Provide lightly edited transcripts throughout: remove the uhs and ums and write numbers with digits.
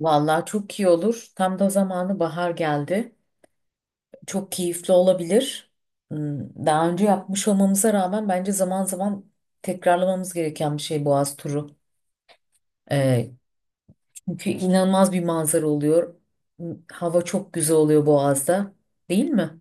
Vallahi çok iyi olur. Tam da zamanı bahar geldi. Çok keyifli olabilir. Daha önce yapmış olmamıza rağmen bence zaman zaman tekrarlamamız gereken bir şey Boğaz turu. Ee, çünkü inanılmaz bir manzara oluyor. Hava çok güzel oluyor Boğaz'da, değil mi?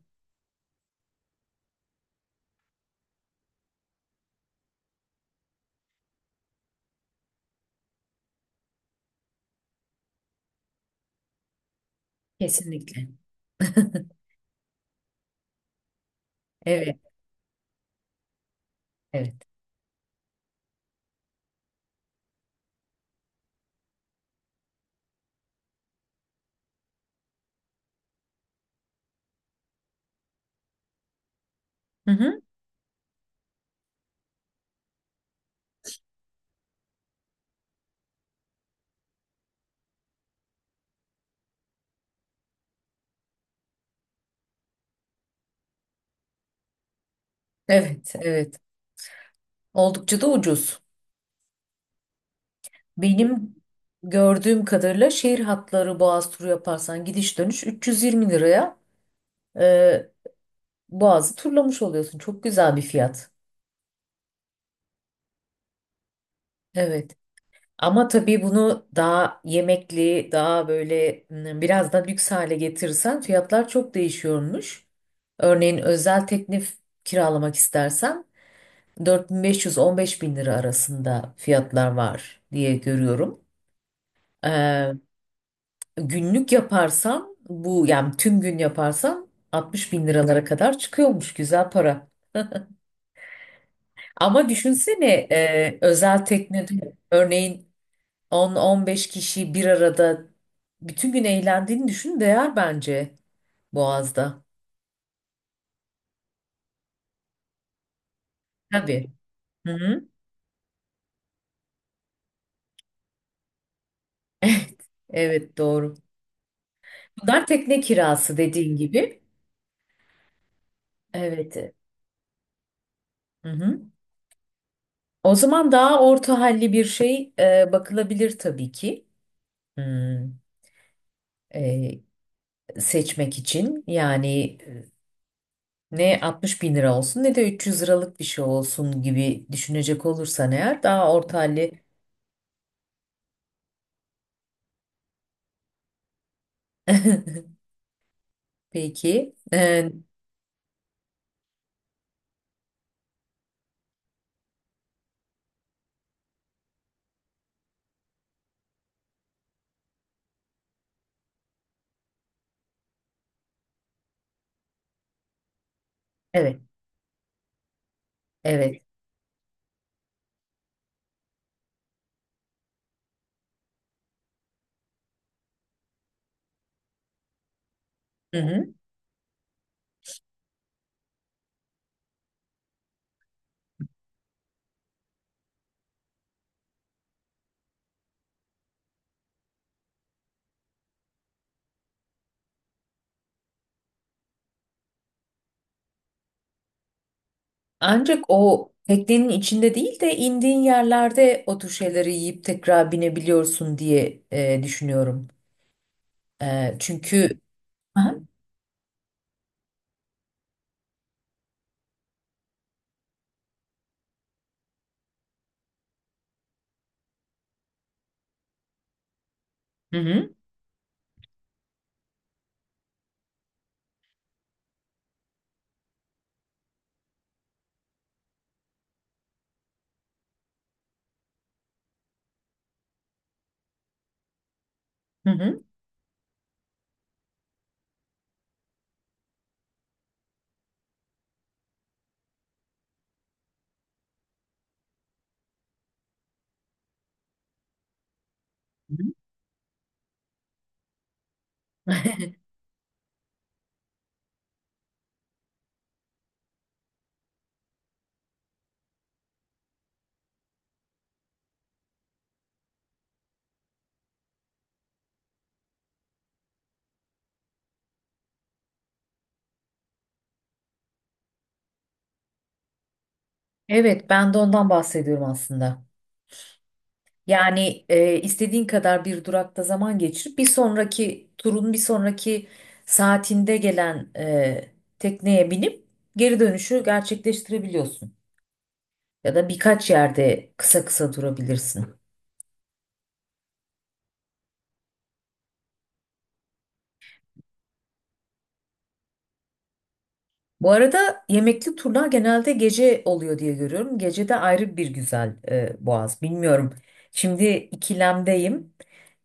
Kesinlikle. Evet, evet. Hı hı. Evet, evet. Oldukça da ucuz. Benim gördüğüm kadarıyla şehir hatları Boğaz turu yaparsan gidiş dönüş 320 liraya Ee, Boğaz'ı turlamış oluyorsun. Çok güzel bir fiyat. Evet. Ama tabii bunu daha yemekli, daha böyle biraz da lüks hale getirirsen fiyatlar çok değişiyormuş. Örneğin özel teknif kiralamak istersen 4500 bin beş yüz 15.000 lira arasında fiyatlar var diye görüyorum. Ee, günlük yaparsan bu yani tüm gün yaparsan 60 bin liralara kadar çıkıyormuş güzel para. Ama düşünsene özel teknede örneğin 10-15 kişi bir arada bütün gün eğlendiğini düşün, değer bence Boğaz'da. Tabii. Hı hı. Evet, evet, doğru. Bunlar tekne kirası dediğin gibi. Evet. Hı hı. O zaman daha orta halli bir şey bakılabilir tabii ki. Hmm, e, seçmek için yani ne 60 bin lira olsun ne de 300 liralık bir şey olsun gibi düşünecek olursan eğer, daha orta halli. Peki. Evet. Evet. Hı hı. Ancak o teknenin içinde değil de indiğin yerlerde o tür şeyleri yiyip tekrar binebiliyorsun diye düşünüyorum. Çünkü. Aha. Hı hı. Hı hı. Hı hı. Evet, ben de ondan bahsediyorum aslında. Yani istediğin kadar bir durakta zaman geçirip bir sonraki turun bir sonraki saatinde gelen tekneye binip geri dönüşü gerçekleştirebiliyorsun. Ya da birkaç yerde kısa kısa durabilirsin. Bu arada yemekli turlar genelde gece oluyor diye görüyorum. Gece de ayrı bir güzel Boğaz. Bilmiyorum. Şimdi ikilemdeyim.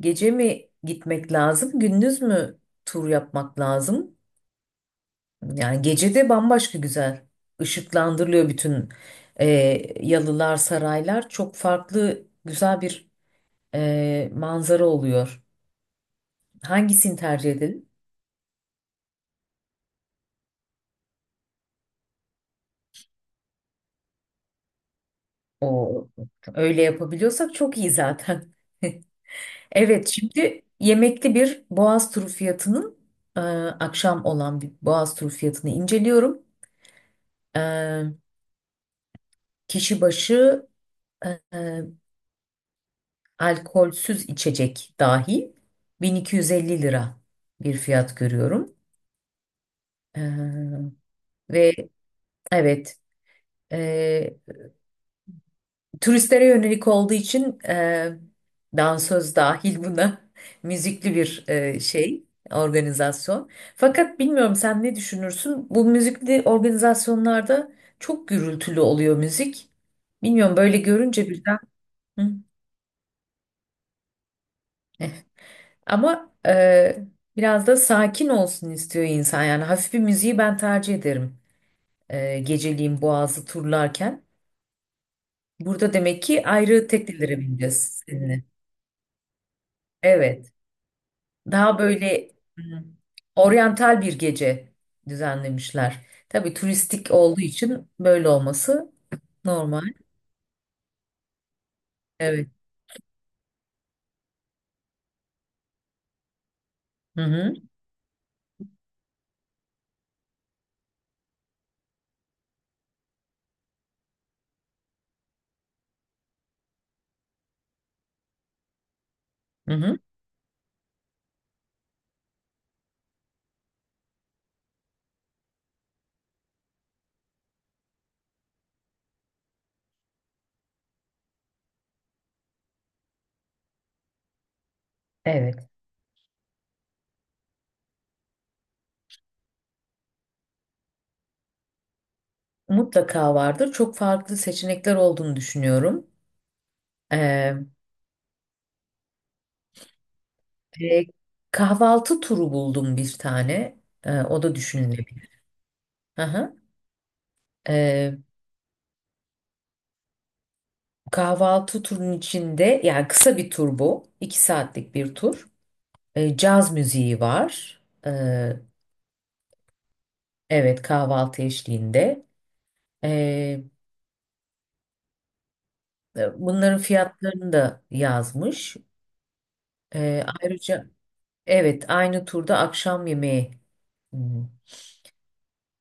Gece mi gitmek lazım, gündüz mü tur yapmak lazım? Yani gece de bambaşka güzel. Işıklandırılıyor bütün e, yalılar, saraylar. Çok farklı güzel bir manzara oluyor. Hangisini tercih edelim? O öyle yapabiliyorsak çok iyi zaten. Evet, şimdi yemekli bir Boğaz turu fiyatının akşam olan bir Boğaz turu fiyatını inceliyorum. E, kişi başı e, e, alkolsüz içecek dahi 1250 lira bir fiyat görüyorum. E, ve evet, turistlere yönelik olduğu için dansöz dahil buna müzikli bir şey, organizasyon. Fakat bilmiyorum, sen ne düşünürsün? Bu müzikli organizasyonlarda çok gürültülü oluyor müzik. Bilmiyorum, böyle görünce birden. Hı. Ama biraz da sakin olsun istiyor insan. Yani hafif bir müziği ben tercih ederim. Geceliğin Boğazı turlarken. Burada demek ki ayrı teknelere bineceğiz seninle. Evet. Daha böyle hmm, oryantal bir gece düzenlemişler. Tabii turistik olduğu için böyle olması normal. Evet. Hı hı. Hı hı. Evet. Mutlaka vardır. Çok farklı seçenekler olduğunu düşünüyorum. Ee, e, kahvaltı turu buldum bir tane. O da düşünülebilir. Hı hı. Ee, kahvaltı turunun içinde, yani kısa bir tur bu. 2 saatlik bir tur. Caz müziği var. Ee, Evet, kahvaltı eşliğinde. Ee, bunların fiyatlarını da yazmış. Ayrıca evet, aynı turda akşam yemeği hmm,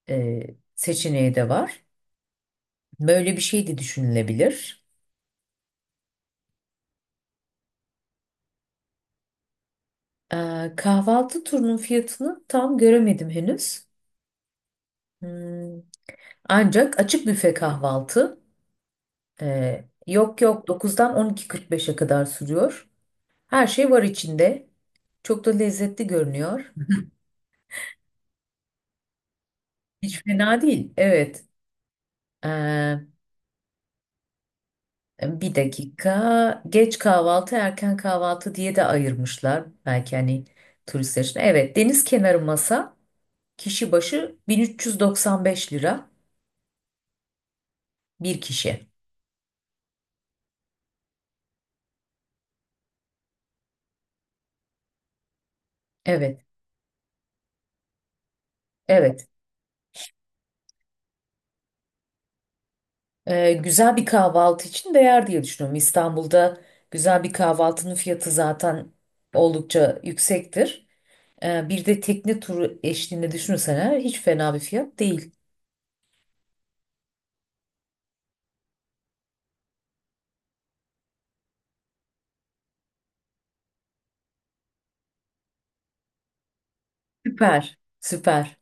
seçeneği de var. Böyle bir şey de düşünülebilir. Kahvaltı turunun fiyatını tam göremedim henüz. Hmm, ancak açık büfe kahvaltı yok, yok, 9'dan 12.45'e kadar sürüyor. Her şey var içinde. Çok da lezzetli görünüyor. Hiç fena değil. Evet. Ee, bir dakika. Geç kahvaltı, erken kahvaltı diye de ayırmışlar. Belki hani turistler için. Evet, deniz kenarı masa kişi başı 1395 lira bir kişi. Evet. Evet. Güzel bir kahvaltı için değer diye düşünüyorum. İstanbul'da güzel bir kahvaltının fiyatı zaten oldukça yüksektir. Bir de tekne turu eşliğinde düşünürsen eğer, hiç fena bir fiyat değil. Süper, süper.